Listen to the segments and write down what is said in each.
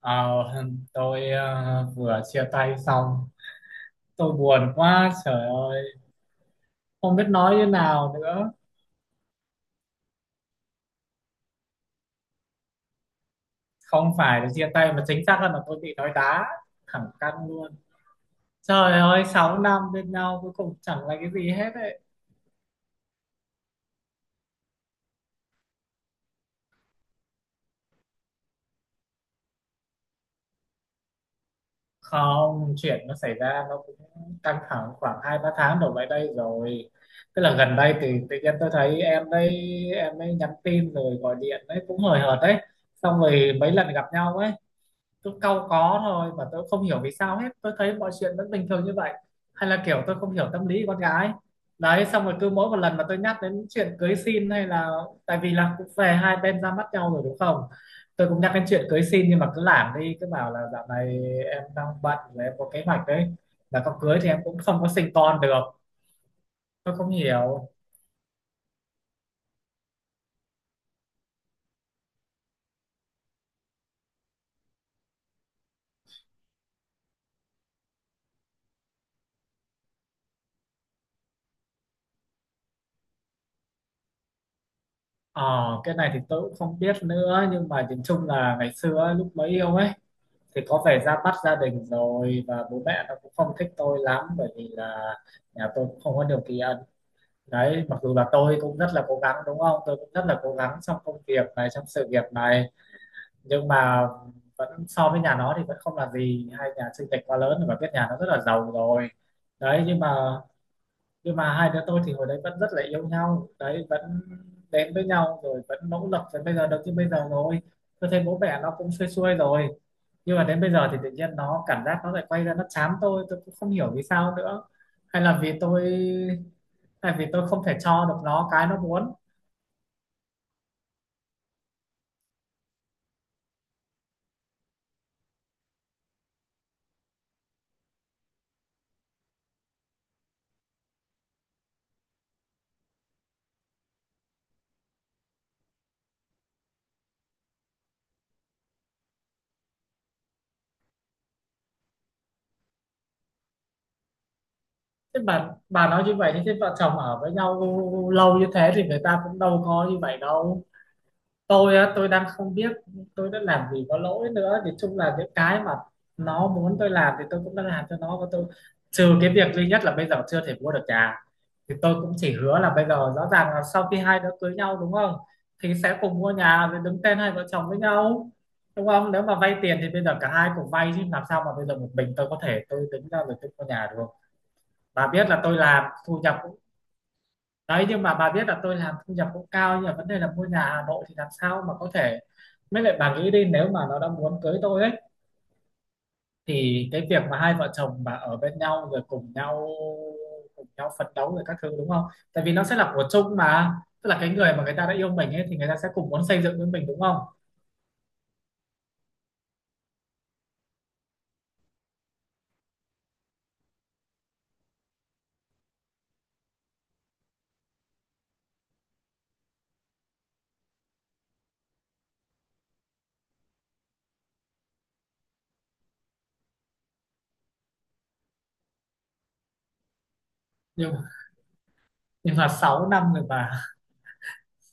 Ờ, tôi vừa chia tay xong. Tôi buồn quá, trời ơi, không biết nói như nào nữa. Không phải là chia tay mà chính xác hơn là tôi bị nói đá thẳng căng luôn. Trời ơi, 6 năm bên nhau cuối cùng chẳng là cái gì hết đấy. Không, chuyện nó xảy ra nó cũng căng thẳng khoảng 2-3 tháng đổ lại đây rồi. Tức là gần đây thì tự nhiên tôi thấy em đấy, em ấy nhắn tin rồi gọi điện đấy cũng hời hợt đấy. Xong rồi mấy lần gặp nhau ấy tôi cau có thôi, và tôi không hiểu vì sao, hết tôi thấy mọi chuyện vẫn bình thường như vậy. Hay là kiểu tôi không hiểu tâm lý của con gái đấy. Xong rồi cứ mỗi một lần mà tôi nhắc đến chuyện cưới xin hay là, tại vì là cũng về hai bên ra mắt nhau rồi đúng không, tôi cũng nhắc đến chuyện cưới xin, nhưng mà cứ làm đi cứ bảo là dạo này em đang bận và em có kế hoạch đấy, là có cưới thì em cũng không có sinh con được. Tôi không hiểu. Ờ cái này thì tôi cũng không biết nữa, nhưng mà nhìn chung là ngày xưa ấy, lúc mới yêu ấy, thì có vẻ ra mắt gia đình rồi, và bố mẹ nó cũng không thích tôi lắm bởi vì là nhà tôi cũng không có điều kiện đấy. Mặc dù là tôi cũng rất là cố gắng, đúng không, tôi cũng rất là cố gắng trong công việc này, trong sự nghiệp này, nhưng mà vẫn so với nhà nó thì vẫn không là gì. Hai nhà chênh lệch quá lớn và biết nhà nó rất là giàu rồi đấy, nhưng mà hai đứa tôi thì hồi đấy vẫn rất là yêu nhau đấy, vẫn đến với nhau rồi vẫn nỗ lực đến bây giờ được như bây giờ rồi. Tôi thấy bố mẹ nó cũng xuôi xuôi rồi, nhưng mà đến bây giờ thì tự nhiên nó cảm giác nó lại quay ra nó chán tôi cũng không hiểu vì sao nữa, hay là vì tôi hay vì tôi không thể cho được nó cái nó muốn. Thế bà nói như vậy thì thế vợ chồng ở với nhau lâu như thế thì người ta cũng đâu có như vậy đâu. Tôi á, tôi đang không biết tôi đã làm gì có lỗi nữa, thì chung là những cái mà nó muốn tôi làm thì tôi cũng đã làm cho nó, và tôi trừ cái việc duy nhất là bây giờ chưa thể mua được nhà, thì tôi cũng chỉ hứa là bây giờ rõ ràng là sau khi hai đứa cưới nhau, đúng không, thì sẽ cùng mua nhà rồi đứng tên hai vợ chồng với nhau, đúng không? Nếu mà vay tiền thì bây giờ cả hai cùng vay, chứ làm sao mà bây giờ một mình tôi có thể, tôi đứng ra rồi tôi mua nhà được không? Bà biết là tôi làm thu nhập đấy, nhưng mà bà biết là tôi làm thu nhập cũng cao, nhưng mà vấn đề là mua nhà Hà Nội thì làm sao mà có thể. Mới lại bà nghĩ đi, nếu mà nó đã muốn cưới tôi ấy, thì cái việc mà hai vợ chồng mà ở bên nhau rồi cùng nhau phấn đấu rồi các thứ, đúng không? Tại vì nó sẽ là của chung mà, tức là cái người mà người ta đã yêu mình ấy thì người ta sẽ cùng muốn xây dựng với mình, đúng không? Nhưng nhưng mà 6 năm rồi bà,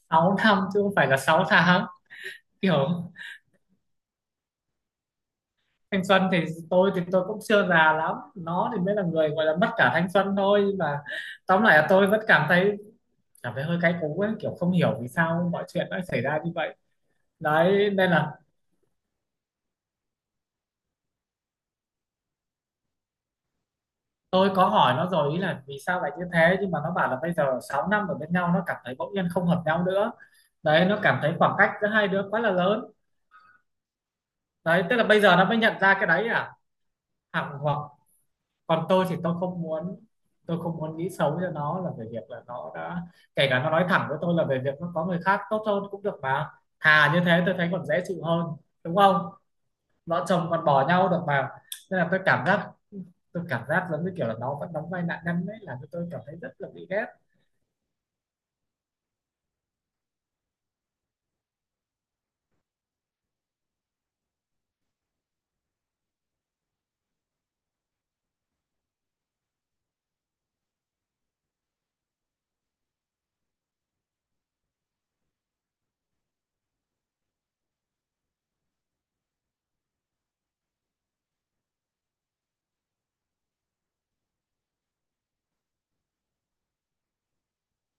6 năm chứ không phải là 6 tháng, hiểu không? Thanh xuân thì tôi cũng chưa già lắm, nó thì mới là người gọi là mất cả thanh xuân thôi. Nhưng mà tóm lại là tôi vẫn cảm thấy hơi cay cú ấy, kiểu không hiểu vì sao mọi chuyện lại xảy ra như vậy đấy, nên là tôi có hỏi nó rồi, ý là vì sao lại như thế, nhưng mà nó bảo là bây giờ 6 năm ở bên nhau nó cảm thấy bỗng nhiên không hợp nhau nữa đấy, nó cảm thấy khoảng cách giữa hai đứa quá là lớn đấy. Tức là bây giờ nó mới nhận ra cái đấy à? Hoặc hoặc còn tôi thì tôi không muốn, nghĩ xấu cho nó, là về việc là nó đã, kể cả nó nói thẳng với tôi là về việc nó có người khác tốt hơn cũng được mà, thà như thế tôi thấy còn dễ chịu hơn, đúng không? Vợ chồng còn bỏ nhau được mà. Nên là tôi cảm giác giống như kiểu là nó vẫn đóng vai nạn nhân đấy, là tôi cảm thấy rất là bị ghét.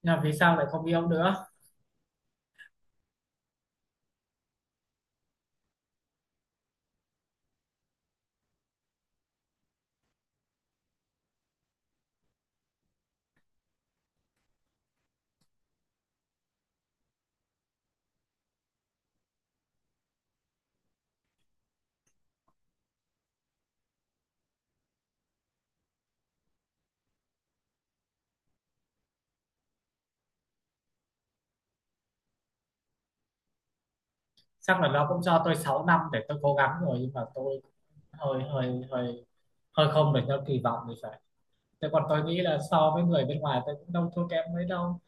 Nhưng mà vì sao lại không yêu nữa? Chắc là nó cũng cho tôi 6 năm để tôi cố gắng rồi, nhưng mà tôi hơi hơi hơi hơi không được theo kỳ vọng thì phải. Thế còn tôi nghĩ là so với người bên ngoài tôi cũng đâu thua kém mấy đâu,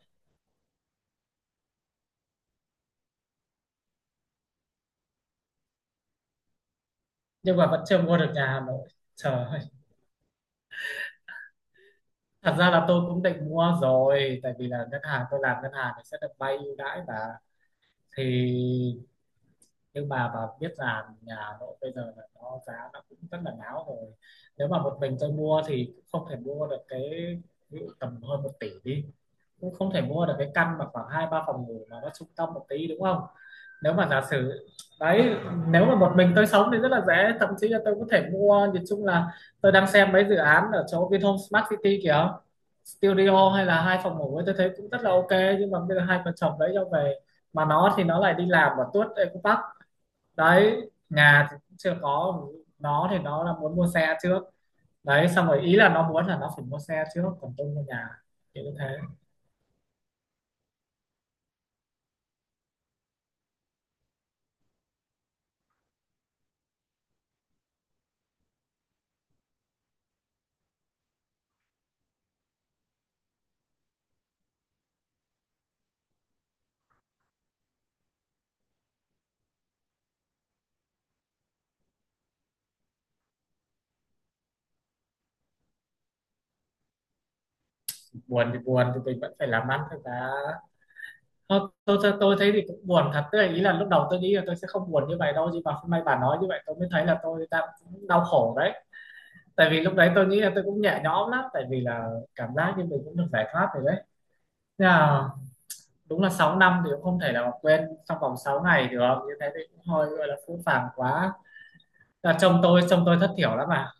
nhưng mà vẫn chưa mua được nhà Hà Nội. Trời ơi. Thật ra là tôi cũng định mua rồi, tại vì là ngân hàng, tôi làm ngân hàng thì sẽ được vay ưu đãi, và thì nhưng mà bà biết là nhà Hà Nội bây giờ là nó giá nó cũng rất là ngáo rồi. Nếu mà một mình tôi mua thì cũng không thể mua được cái, ví dụ tầm hơn 1 tỷ đi, cũng không thể mua được cái căn mà khoảng hai ba phòng ngủ mà nó trung tâm một tí, đúng không? Nếu mà giả sử, đấy, nếu mà một mình tôi sống thì rất là dễ, thậm chí là tôi có thể mua, nhìn chung là tôi đang xem mấy dự án ở chỗ Vinhome Smart City kìa, studio hay là hai phòng ngủ ấy, tôi thấy cũng rất là ok. Nhưng mà bây giờ hai vợ chồng đấy cho về, mà nó thì nó lại đi làm và tuốt Eco Park đấy, nhà thì cũng chưa có, nó thì nó là muốn mua xe trước đấy, xong rồi ý là nó muốn là nó phải mua xe trước, còn tôi mua nhà, thì như thế. Buồn thì buồn, thì mình vẫn phải làm ăn thôi, cả. Thôi, tôi thấy thì cũng buồn thật, tức là ý là lúc đầu tôi nghĩ là tôi sẽ không buồn như vậy đâu, nhưng mà hôm nay bà nói như vậy tôi mới thấy là tôi đang cũng đau khổ đấy. Tại vì lúc đấy tôi nghĩ là tôi cũng nhẹ nhõm lắm, tại vì là cảm giác như mình cũng được giải thoát rồi đấy. Thế là đúng là 6 năm thì cũng không thể nào mà quên trong vòng 6 ngày được, như thế thì cũng hơi gọi là phũ phàng quá. Là chồng tôi thất thiểu lắm mà.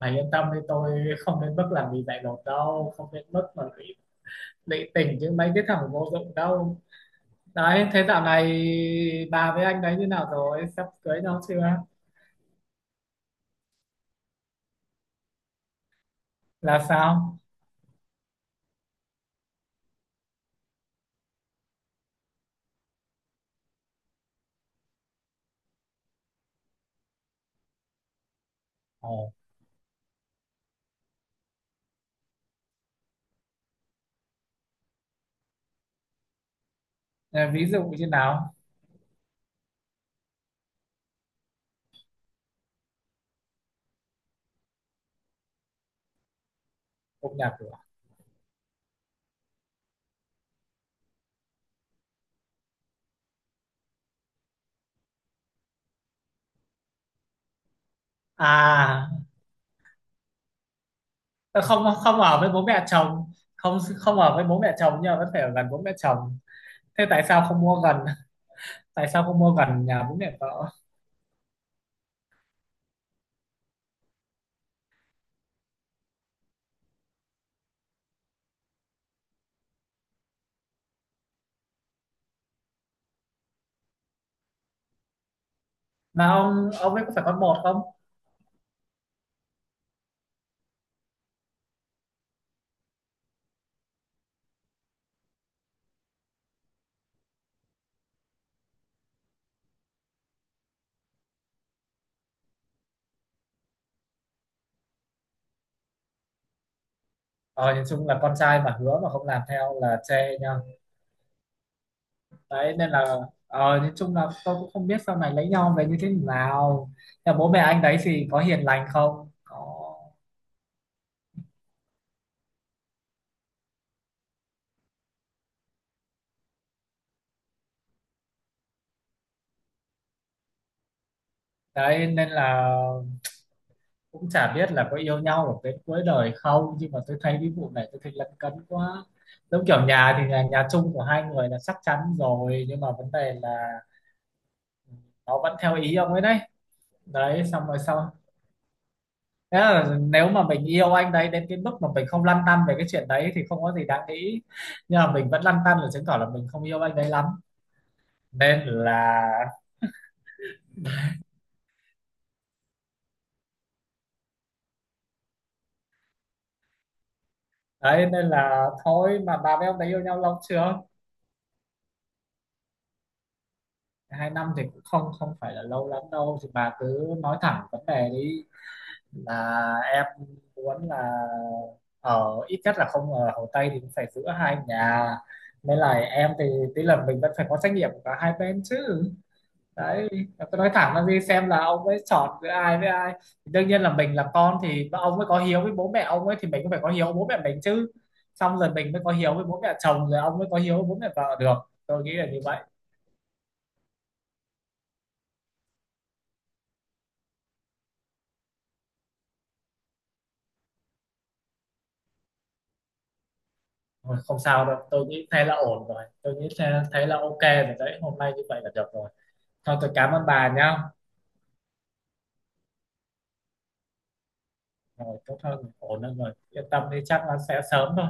Mày yên tâm đi, tôi không đến mức làm gì dại dột đâu, không đến mức mà lụy lụy tình chứ mấy cái thằng vô dụng đâu. Đấy, thế dạo này bà với anh đấy như nào rồi, sắp cưới nhau chưa? Là sao? Ồ. À, ví dụ như nào? Cũng nhà cửa à? Tôi không không ở với bố mẹ chồng, không không ở với bố mẹ chồng, nhưng mà vẫn phải ở gần bố mẹ chồng. Thế tại sao không mua gần nhà bố mẹ vợ? Mà ông ấy có phải con một không? Ờ nhìn chung là con trai mà hứa mà không làm theo là chê nha. Đấy nên là, nhìn chung là tôi cũng không biết sau này lấy nhau về như thế nào. Nhà bố mẹ anh đấy thì có hiền lành không? Có đấy, nên là cũng chả biết là có yêu nhau ở đến cuối đời không, nhưng mà tôi thấy cái vụ này tôi thấy lấn cấn quá. Giống kiểu nhà thì nhà, nhà chung của hai người là chắc chắn rồi, nhưng mà vấn đề là nó vẫn theo ý ông ấy đấy, đấy xong rồi sau. Thế là nếu mà mình yêu anh đấy đến cái mức mà mình không lăn tăn về cái chuyện đấy thì không có gì đáng nghĩ, nhưng mà mình vẫn lăn tăn là chứng tỏ là mình không yêu anh đấy lắm, nên là. Đấy nên là, thôi mà bà với ông đấy yêu nhau lâu chưa? 2 năm thì cũng không không phải là lâu lắm đâu, thì bà cứ nói thẳng vấn đề đi, là em muốn là ở ít nhất là không ở Hồ Tây thì cũng phải giữa hai nhà, nên là em thì tí là mình vẫn phải có trách nhiệm của cả hai bên chứ, đấy. Tôi nói thẳng là gì, xem là ông ấy chọn giữa ai với ai, thì đương nhiên là mình là con thì ông mới có hiếu với bố mẹ ông ấy, thì mình cũng phải có hiếu với bố mẹ mình chứ, xong rồi mình mới có hiếu với bố mẹ chồng rồi ông mới có hiếu với bố mẹ vợ được. Tôi nghĩ là như vậy. Thôi, không sao đâu, tôi nghĩ thế là ổn rồi, tôi nghĩ thế, thế là ok rồi đấy, hôm nay như vậy là được rồi, thôi tôi cảm ơn bà nhá. Rồi, tốt hơn, ổn hơn rồi, yên tâm đi, chắc là sẽ sớm thôi.